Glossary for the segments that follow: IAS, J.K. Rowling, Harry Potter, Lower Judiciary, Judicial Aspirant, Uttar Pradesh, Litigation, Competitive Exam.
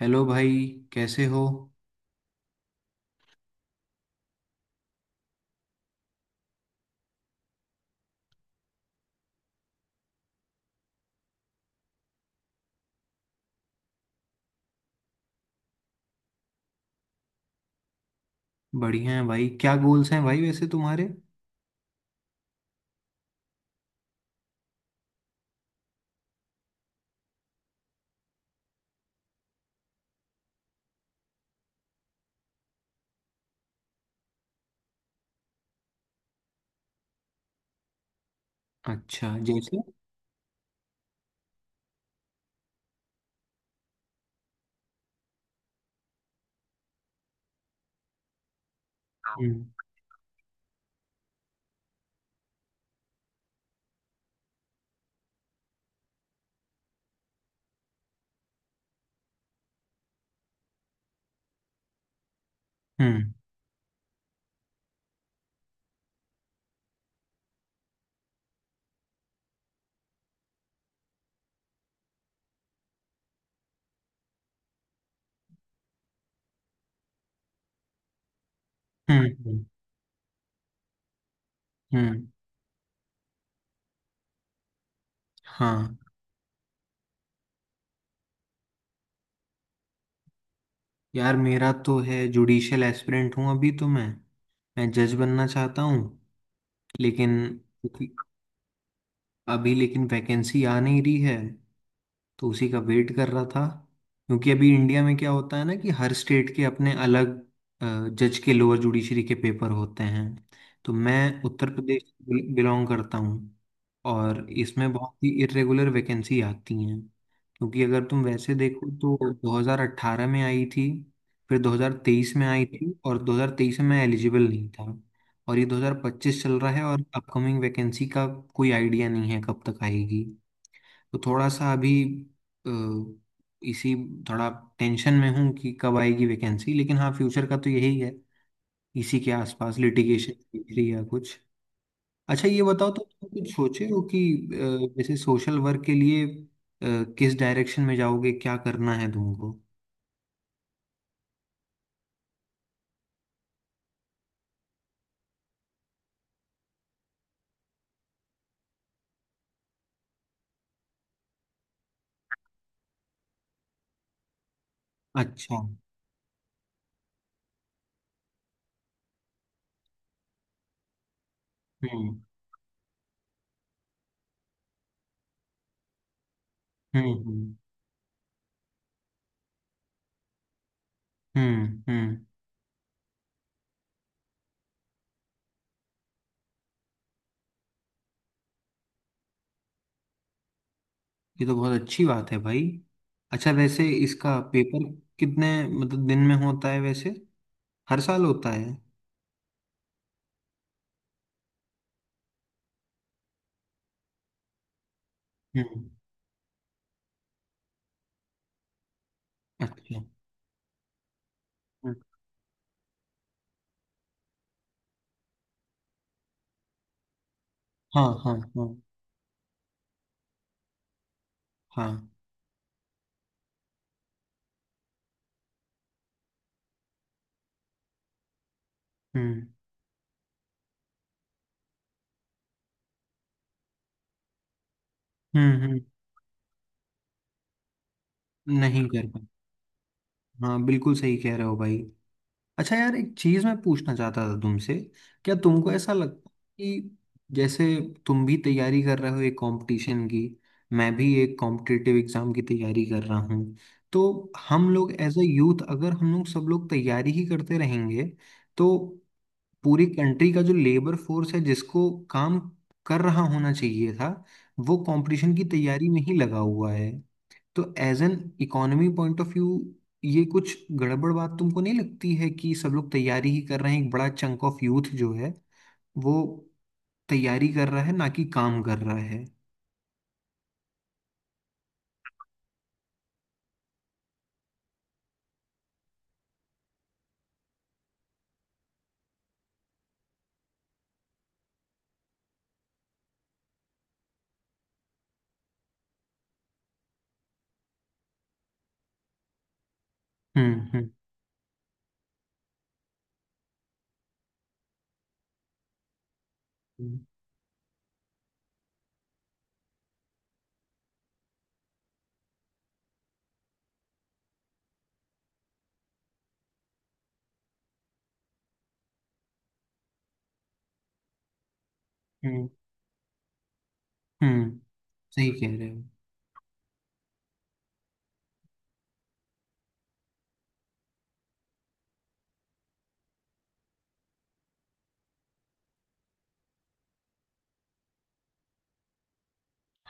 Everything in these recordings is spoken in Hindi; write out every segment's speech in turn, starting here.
हेलो भाई। कैसे हो। बढ़िया है भाई। क्या गोल्स हैं भाई वैसे तुम्हारे। अच्छा, जैसे। हम्म। हम्म। हम्म। हम्म। हाँ। यार, मेरा तो है, जुडिशियल एस्पिरेंट हूँ अभी तो, मैं जज बनना चाहता हूँ। लेकिन अभी, लेकिन वैकेंसी आ नहीं रही है। तो उसी का वेट कर रहा था। क्योंकि अभी इंडिया में क्या होता है ना, कि हर स्टेट के अपने अलग जज के, लोअर जुडिशरी के पेपर होते हैं। तो मैं उत्तर प्रदेश बिलोंग करता हूँ। और इसमें बहुत ही इरेगुलर वैकेंसी आती हैं। क्योंकि अगर तुम वैसे देखो तो 2018 में आई थी, फिर 2023 में आई थी, और 2023 में मैं एलिजिबल नहीं था। और ये 2025 चल रहा है, और अपकमिंग वैकेंसी का कोई आइडिया नहीं है कब तक आएगी। तो थोड़ा सा अभी अ, इसी, थोड़ा टेंशन में हूँ कि कब आएगी वैकेंसी। लेकिन हाँ, फ्यूचर का तो यही है, इसी के आसपास लिटिगेशन या कुछ। अच्छा ये बताओ, तो तुम कुछ सोचे हो कि जैसे सोशल वर्क के लिए किस डायरेक्शन में जाओगे, क्या करना है तुमको। अच्छा। हम्म। हम्म। हम्म। हम्म। हम्म। ये तो बहुत अच्छी बात है भाई। अच्छा वैसे इसका पेपर कितने, मतलब दिन में होता है वैसे, हर साल होता है। हम्म। अच्छा। हाँ। हाँ। हाँ। हाँ। हम्म। हम्म। हम्म। नहीं कर पा हाँ, बिल्कुल सही कह रहे हो भाई। अच्छा यार, एक चीज मैं पूछना चाहता था तुमसे। क्या तुमको ऐसा लगता है कि जैसे, तुम भी तैयारी कर रहे हो एक कंपटीशन की, मैं भी एक कॉम्पिटिटिव एग्जाम की तैयारी कर रहा हूँ। तो हम लोग एज अ यूथ, अगर हम लोग सब लोग तैयारी ही करते रहेंगे, तो पूरी कंट्री का जो लेबर फोर्स है जिसको काम कर रहा होना चाहिए था, वो कंपटीशन की तैयारी में ही लगा हुआ है। तो as an economy point of view, ये कुछ गड़बड़ बात तुमको नहीं लगती है कि सब लोग तैयारी ही कर रहे हैं, एक बड़ा चंक ऑफ यूथ जो है वो तैयारी कर रहा है ना कि काम कर रहा है। हम्म। हम्म। हम्म। हम्म। हम्म, सही कह रहे हो।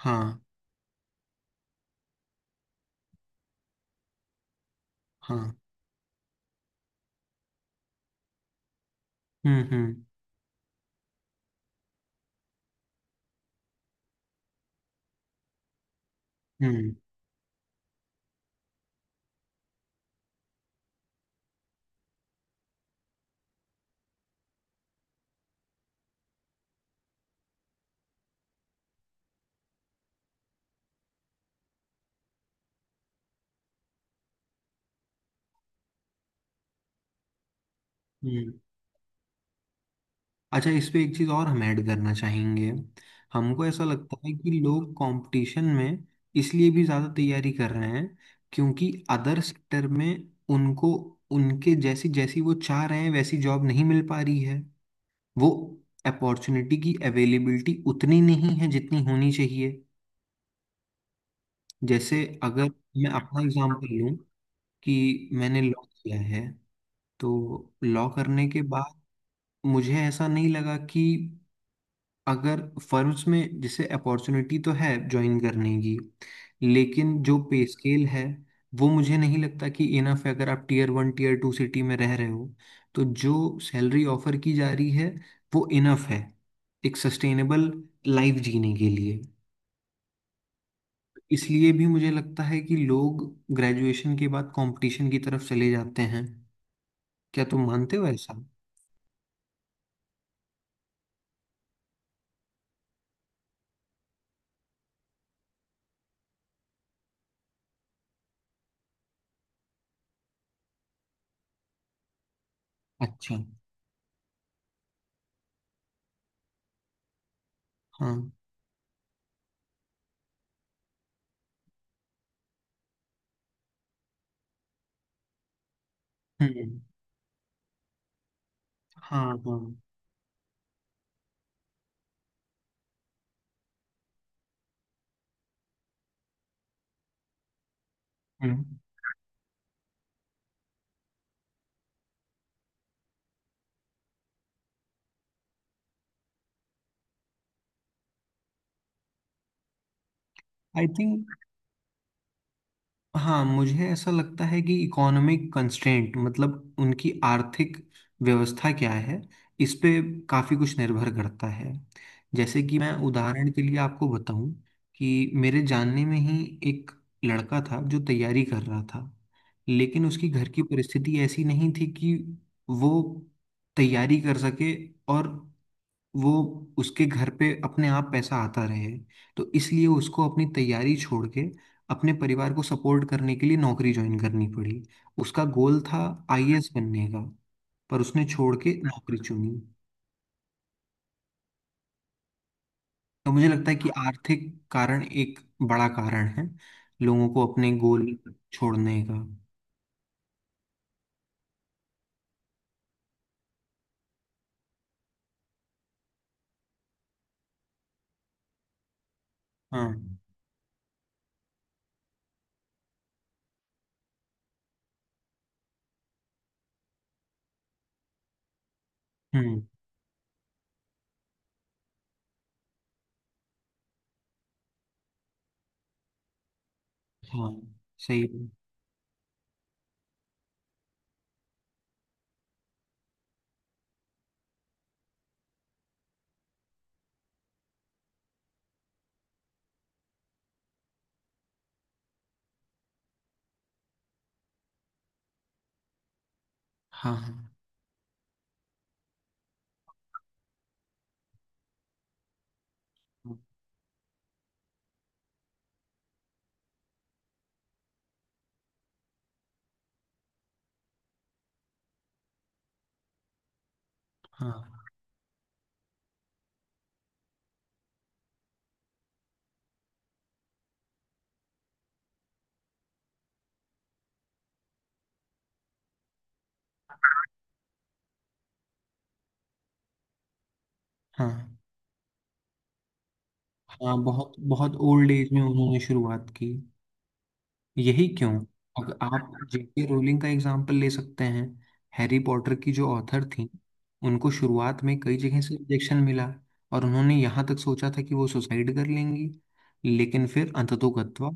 हाँ। हाँ। हम्म। हम्म। हम्म। हम्म। अच्छा इस पे एक चीज़ और हम ऐड करना चाहेंगे। हमको ऐसा लगता है कि लोग कंपटीशन में इसलिए भी ज़्यादा तैयारी कर रहे हैं, क्योंकि अदर सेक्टर में उनको, उनके जैसी जैसी वो चाह रहे हैं वैसी जॉब नहीं मिल पा रही है। वो अपॉर्चुनिटी की अवेलेबिलिटी उतनी नहीं है जितनी होनी चाहिए। जैसे, अगर मैं अपना एग्जांपल लूं कि मैंने लॉ किया है, तो लॉ करने के बाद मुझे ऐसा नहीं लगा कि अगर फर्म्स में, जैसे अपॉर्चुनिटी तो है ज्वाइन करने की, लेकिन जो पे स्केल है, वो मुझे नहीं लगता कि इनफ है, अगर आप tier one tier two city में रह रहे हो। तो जो सैलरी ऑफर की जा रही है वो इनफ है एक सस्टेनेबल लाइफ जीने के लिए। इसलिए भी मुझे लगता है कि लोग ग्रेजुएशन के बाद कंपटीशन की तरफ चले जाते हैं। क्या तुम मानते हो ऐसा। अच्छा। हाँ। हम्म। हाँ। हाँ। आई थिंक, हाँ मुझे ऐसा लगता है कि इकोनॉमिक कंस्ट्रेंट, मतलब उनकी आर्थिक व्यवस्था क्या है इस पे काफ़ी कुछ निर्भर करता है। जैसे कि मैं उदाहरण के लिए आपको बताऊं, कि मेरे जानने में ही एक लड़का था जो तैयारी कर रहा था, लेकिन उसकी घर की परिस्थिति ऐसी नहीं थी कि वो तैयारी कर सके, और वो, उसके घर पे अपने आप पैसा आता रहे। तो इसलिए उसको अपनी तैयारी छोड़ के अपने परिवार को सपोर्ट करने के लिए नौकरी ज्वाइन करनी पड़ी। उसका गोल था आईएएस बनने का, पर उसने छोड़ के नौकरी चुनी। तो मुझे लगता है कि आर्थिक कारण एक बड़ा कारण है लोगों को अपने गोल छोड़ने का। हाँ। हम्म। हाँ। सही है। हाँ। हाँ। हाँ। हाँ। हाँ, बहुत बहुत ओल्ड एज में उन्होंने शुरुआत की। यही क्यों, अगर आप जेके रोलिंग का एग्जाम्पल ले सकते हैं। हैरी पॉटर की जो ऑथर थी, उनको शुरुआत में कई जगह से रिजेक्शन मिला, और उन्होंने यहाँ तक सोचा था कि वो सुसाइड कर लेंगी। लेकिन फिर अंततोगत्वा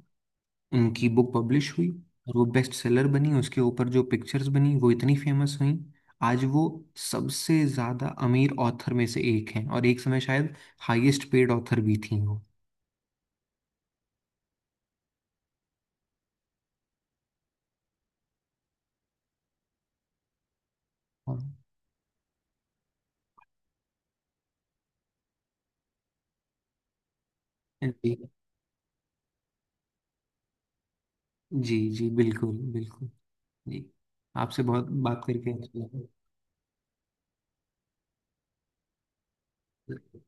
उनकी बुक पब्लिश हुई, और वो बेस्ट सेलर बनी, उसके ऊपर जो पिक्चर्स बनी वो इतनी फेमस हुई। आज वो सबसे ज़्यादा अमीर ऑथर में से एक हैं, और एक समय शायद हाईएस्ट पेड ऑथर भी थी वो। हाँ। जी। जी जी बिल्कुल बिल्कुल। जी। आपसे बहुत बात करके अच्छा लगा।